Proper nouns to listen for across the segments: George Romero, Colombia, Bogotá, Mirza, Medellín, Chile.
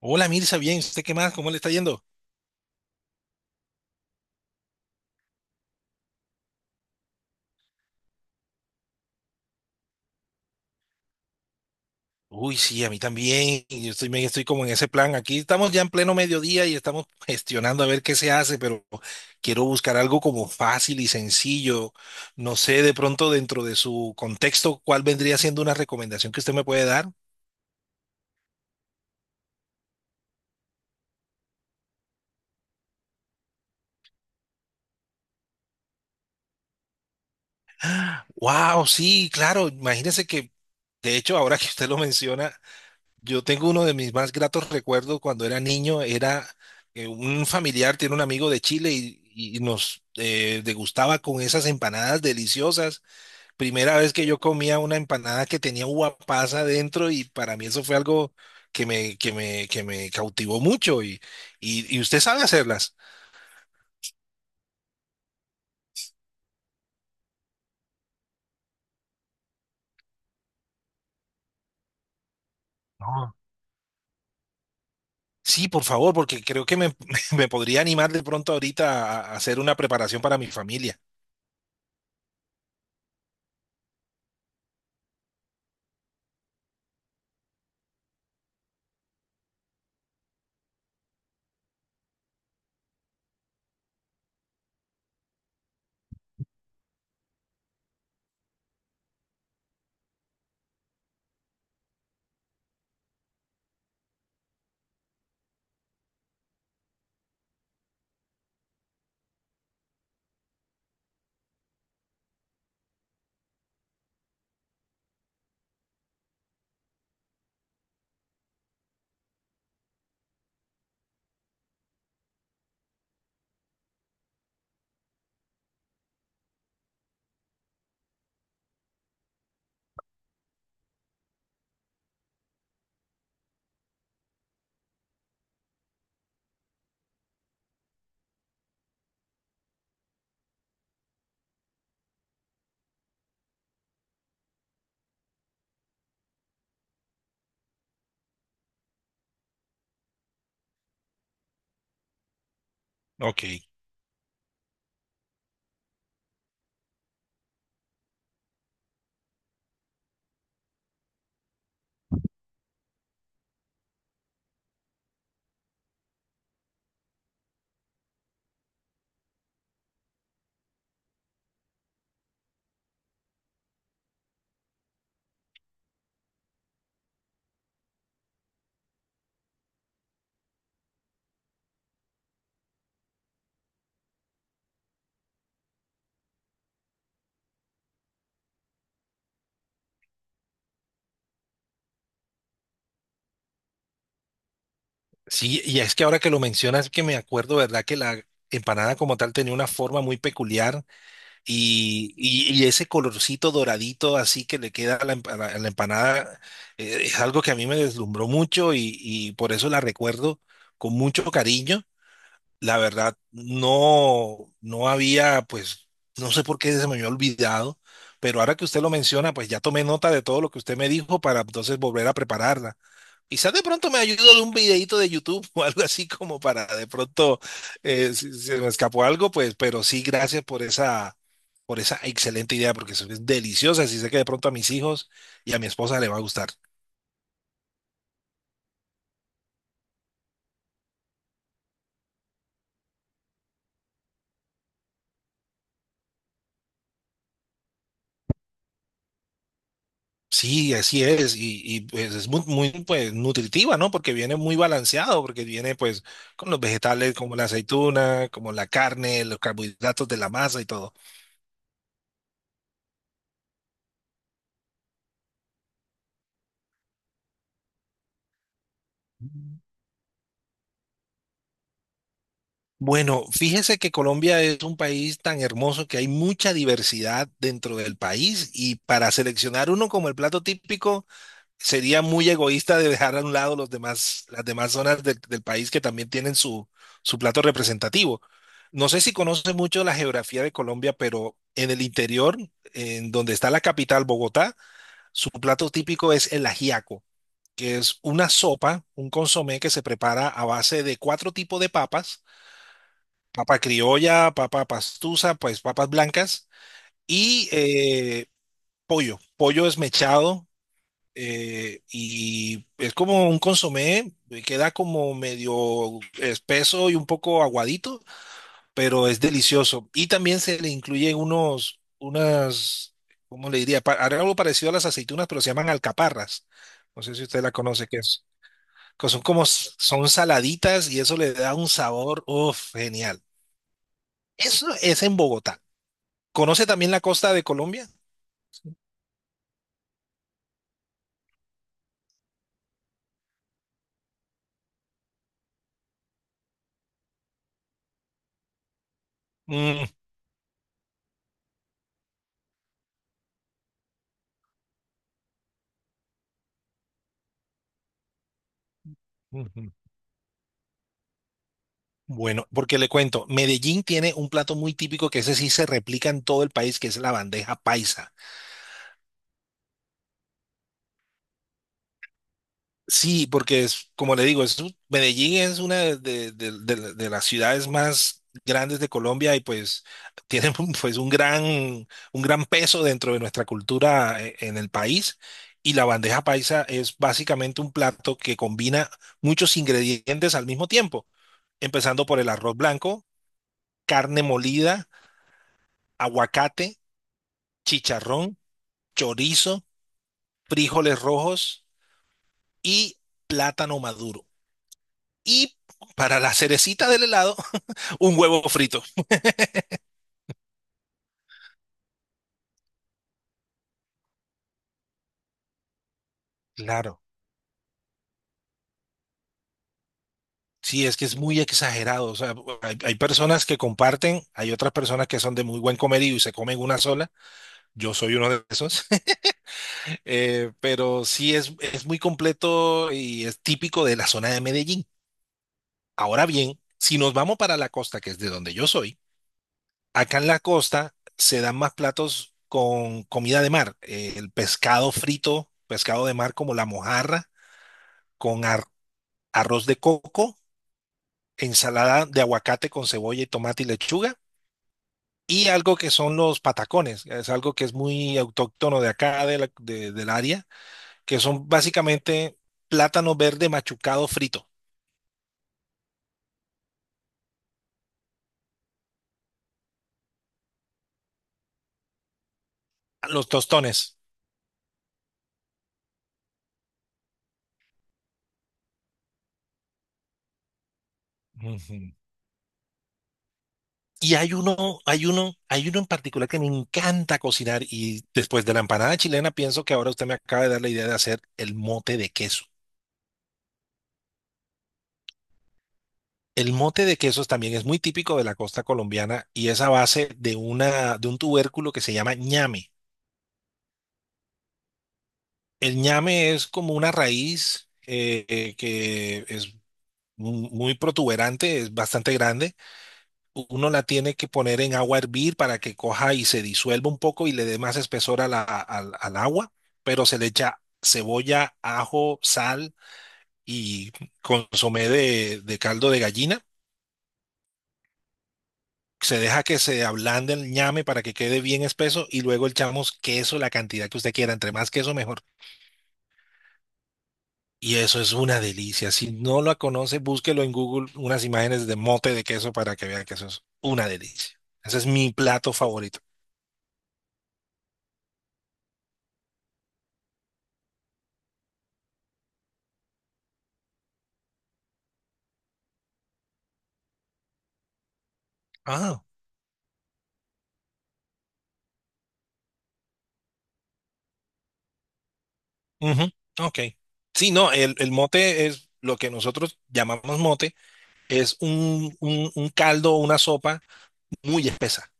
Hola Mirza, bien, ¿usted qué más? ¿Cómo le está yendo? Uy, sí, a mí también. Y yo estoy, estoy como en ese plan. Aquí estamos ya en pleno mediodía y estamos gestionando a ver qué se hace, pero quiero buscar algo como fácil y sencillo. No sé, de pronto dentro de su contexto, ¿cuál vendría siendo una recomendación que usted me puede dar? Wow, sí, claro. Imagínese que, de hecho, ahora que usted lo menciona, yo tengo uno de mis más gratos recuerdos cuando era niño. Era un familiar, tiene un amigo de Chile y nos degustaba con esas empanadas deliciosas. Primera vez que yo comía una empanada que tenía uva pasa dentro y para mí eso fue algo que me, cautivó mucho. ¿Y usted sabe hacerlas? No. Sí, por favor, porque creo que me, me podría animar de pronto ahorita a hacer una preparación para mi familia. Ok. Sí, y es que ahora que lo mencionas, que me acuerdo, ¿verdad? Que la empanada como tal tenía una forma muy peculiar y ese colorcito doradito así que le queda a la empanada es algo que a mí me deslumbró mucho y por eso la recuerdo con mucho cariño. La verdad, no, no había, pues, no sé por qué se me había olvidado, pero ahora que usted lo menciona, pues ya tomé nota de todo lo que usted me dijo para entonces volver a prepararla. Quizás de pronto me ayudo de un videito de YouTube o algo así como para de pronto si se me escapó algo, pues, pero sí, gracias por esa excelente idea, porque eso es deliciosa. Y sé que de pronto a mis hijos y a mi esposa le va a gustar. Sí, así es. Pues es muy, muy pues, nutritiva, ¿no? Porque viene muy balanceado, porque viene pues con los vegetales como la aceituna, como la carne, los carbohidratos de la masa y todo. Bueno, fíjese que Colombia es un país tan hermoso que hay mucha diversidad dentro del país y para seleccionar uno como el plato típico sería muy egoísta de dejar a un lado los demás, las demás zonas del país que también tienen su plato representativo. No sé si conoce mucho la geografía de Colombia, pero en el interior, en donde está la capital, Bogotá, su plato típico es el ajiaco, que es una sopa, un consomé que se prepara a base de cuatro tipos de papas: papa criolla, papa pastusa, pues papas blancas y pollo, pollo desmechado. Y es como un consomé, queda como medio espeso y un poco aguadito, pero es delicioso. Y también se le incluye unos, unas, ¿cómo le diría? Algo parecido a las aceitunas, pero se llaman alcaparras. No sé si usted la conoce, que es, que son como, son saladitas y eso le da un sabor, uff, genial. Eso es en Bogotá. ¿Conoce también la costa de Colombia? Mm, ujú. Bueno, porque le cuento, Medellín tiene un plato muy típico que ese sí se replica en todo el país, que es la bandeja paisa. Sí, porque es, como le digo, es, Medellín es una de las ciudades más grandes de Colombia y pues tiene pues un gran peso dentro de nuestra cultura en el país. Y la bandeja paisa es básicamente un plato que combina muchos ingredientes al mismo tiempo, empezando por el arroz blanco, carne molida, aguacate, chicharrón, chorizo, frijoles rojos y plátano maduro. Y para la cerecita del helado, un huevo frito. Claro. Sí, es que es muy exagerado. O sea, hay personas que comparten, hay otras personas que son de muy buen comerío y se comen una sola. Yo soy uno de esos. Pero sí es muy completo y es típico de la zona de Medellín. Ahora bien, si nos vamos para la costa, que es de donde yo soy. Acá en la costa se dan más platos con comida de mar, el pescado frito, pescado de mar como la mojarra, con arroz de coco, ensalada de aguacate con cebolla y tomate y lechuga, y algo que son los patacones, es algo que es muy autóctono de acá, del área, que son básicamente plátano verde machucado frito, los tostones. Ujú. Y hay uno en particular que me encanta cocinar y después de la empanada chilena pienso que ahora usted me acaba de dar la idea de hacer el mote de queso. El mote de quesos también es muy típico de la costa colombiana y es a base de una, de un tubérculo que se llama ñame. El ñame es como una raíz que es muy protuberante, es bastante grande. Uno la tiene que poner en agua a hervir para que coja y se disuelva un poco y le dé más espesor al agua, pero se le echa cebolla, ajo, sal y consomé de caldo de gallina. Se deja que se ablande el ñame para que quede bien espeso y luego echamos queso, la cantidad que usted quiera, entre más queso mejor. Y eso es una delicia. Si no la conoce, búsquelo en Google unas imágenes de mote de queso para que vea que eso es una delicia. Ese es mi plato favorito. Ah. Ujú. Ok. Sí, no, el mote es lo que nosotros llamamos mote, es un caldo o una sopa muy espesa.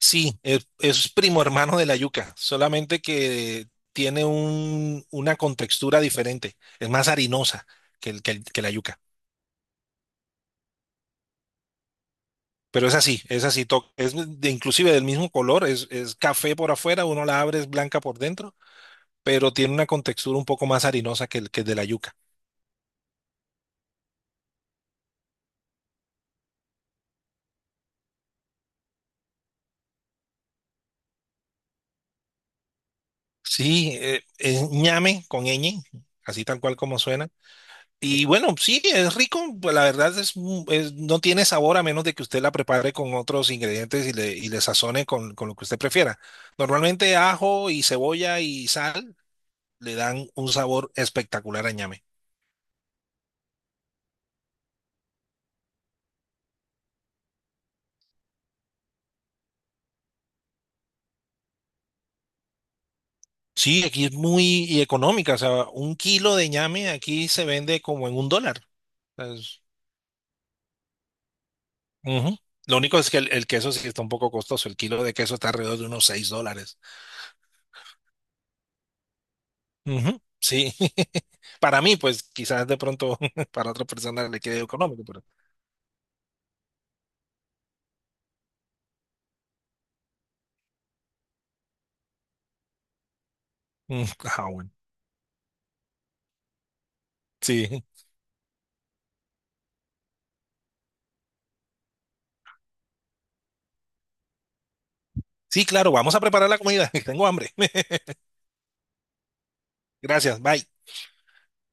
Sí, es primo hermano de la yuca, solamente que tiene un, una contextura diferente, es más harinosa que la yuca. Pero es así, es así, es inclusive del mismo color, es café por afuera, uno la abre, es blanca por dentro, pero tiene una contextura un poco más harinosa que el de la yuca. Sí, es ñame con ñ, así tal cual como suena. Y bueno, sí, es rico, pues la verdad es, no tiene sabor a menos de que usted la prepare con otros ingredientes y le, sazone con lo que usted prefiera. Normalmente ajo y cebolla y sal le dan un sabor espectacular a ñame. Sí, aquí es muy y económica, o sea, un kilo de ñame aquí se vende como en $1. Es- Ujú. Lo único es que el queso sí está un poco costoso, el kilo de queso está alrededor de unos $6. Ujú, sí, para mí, pues quizás de pronto para otra persona le quede económico, pero... Mm, ah, bueno. Sí, sí, claro, vamos a preparar la comida. Tengo hambre. Gracias, bye.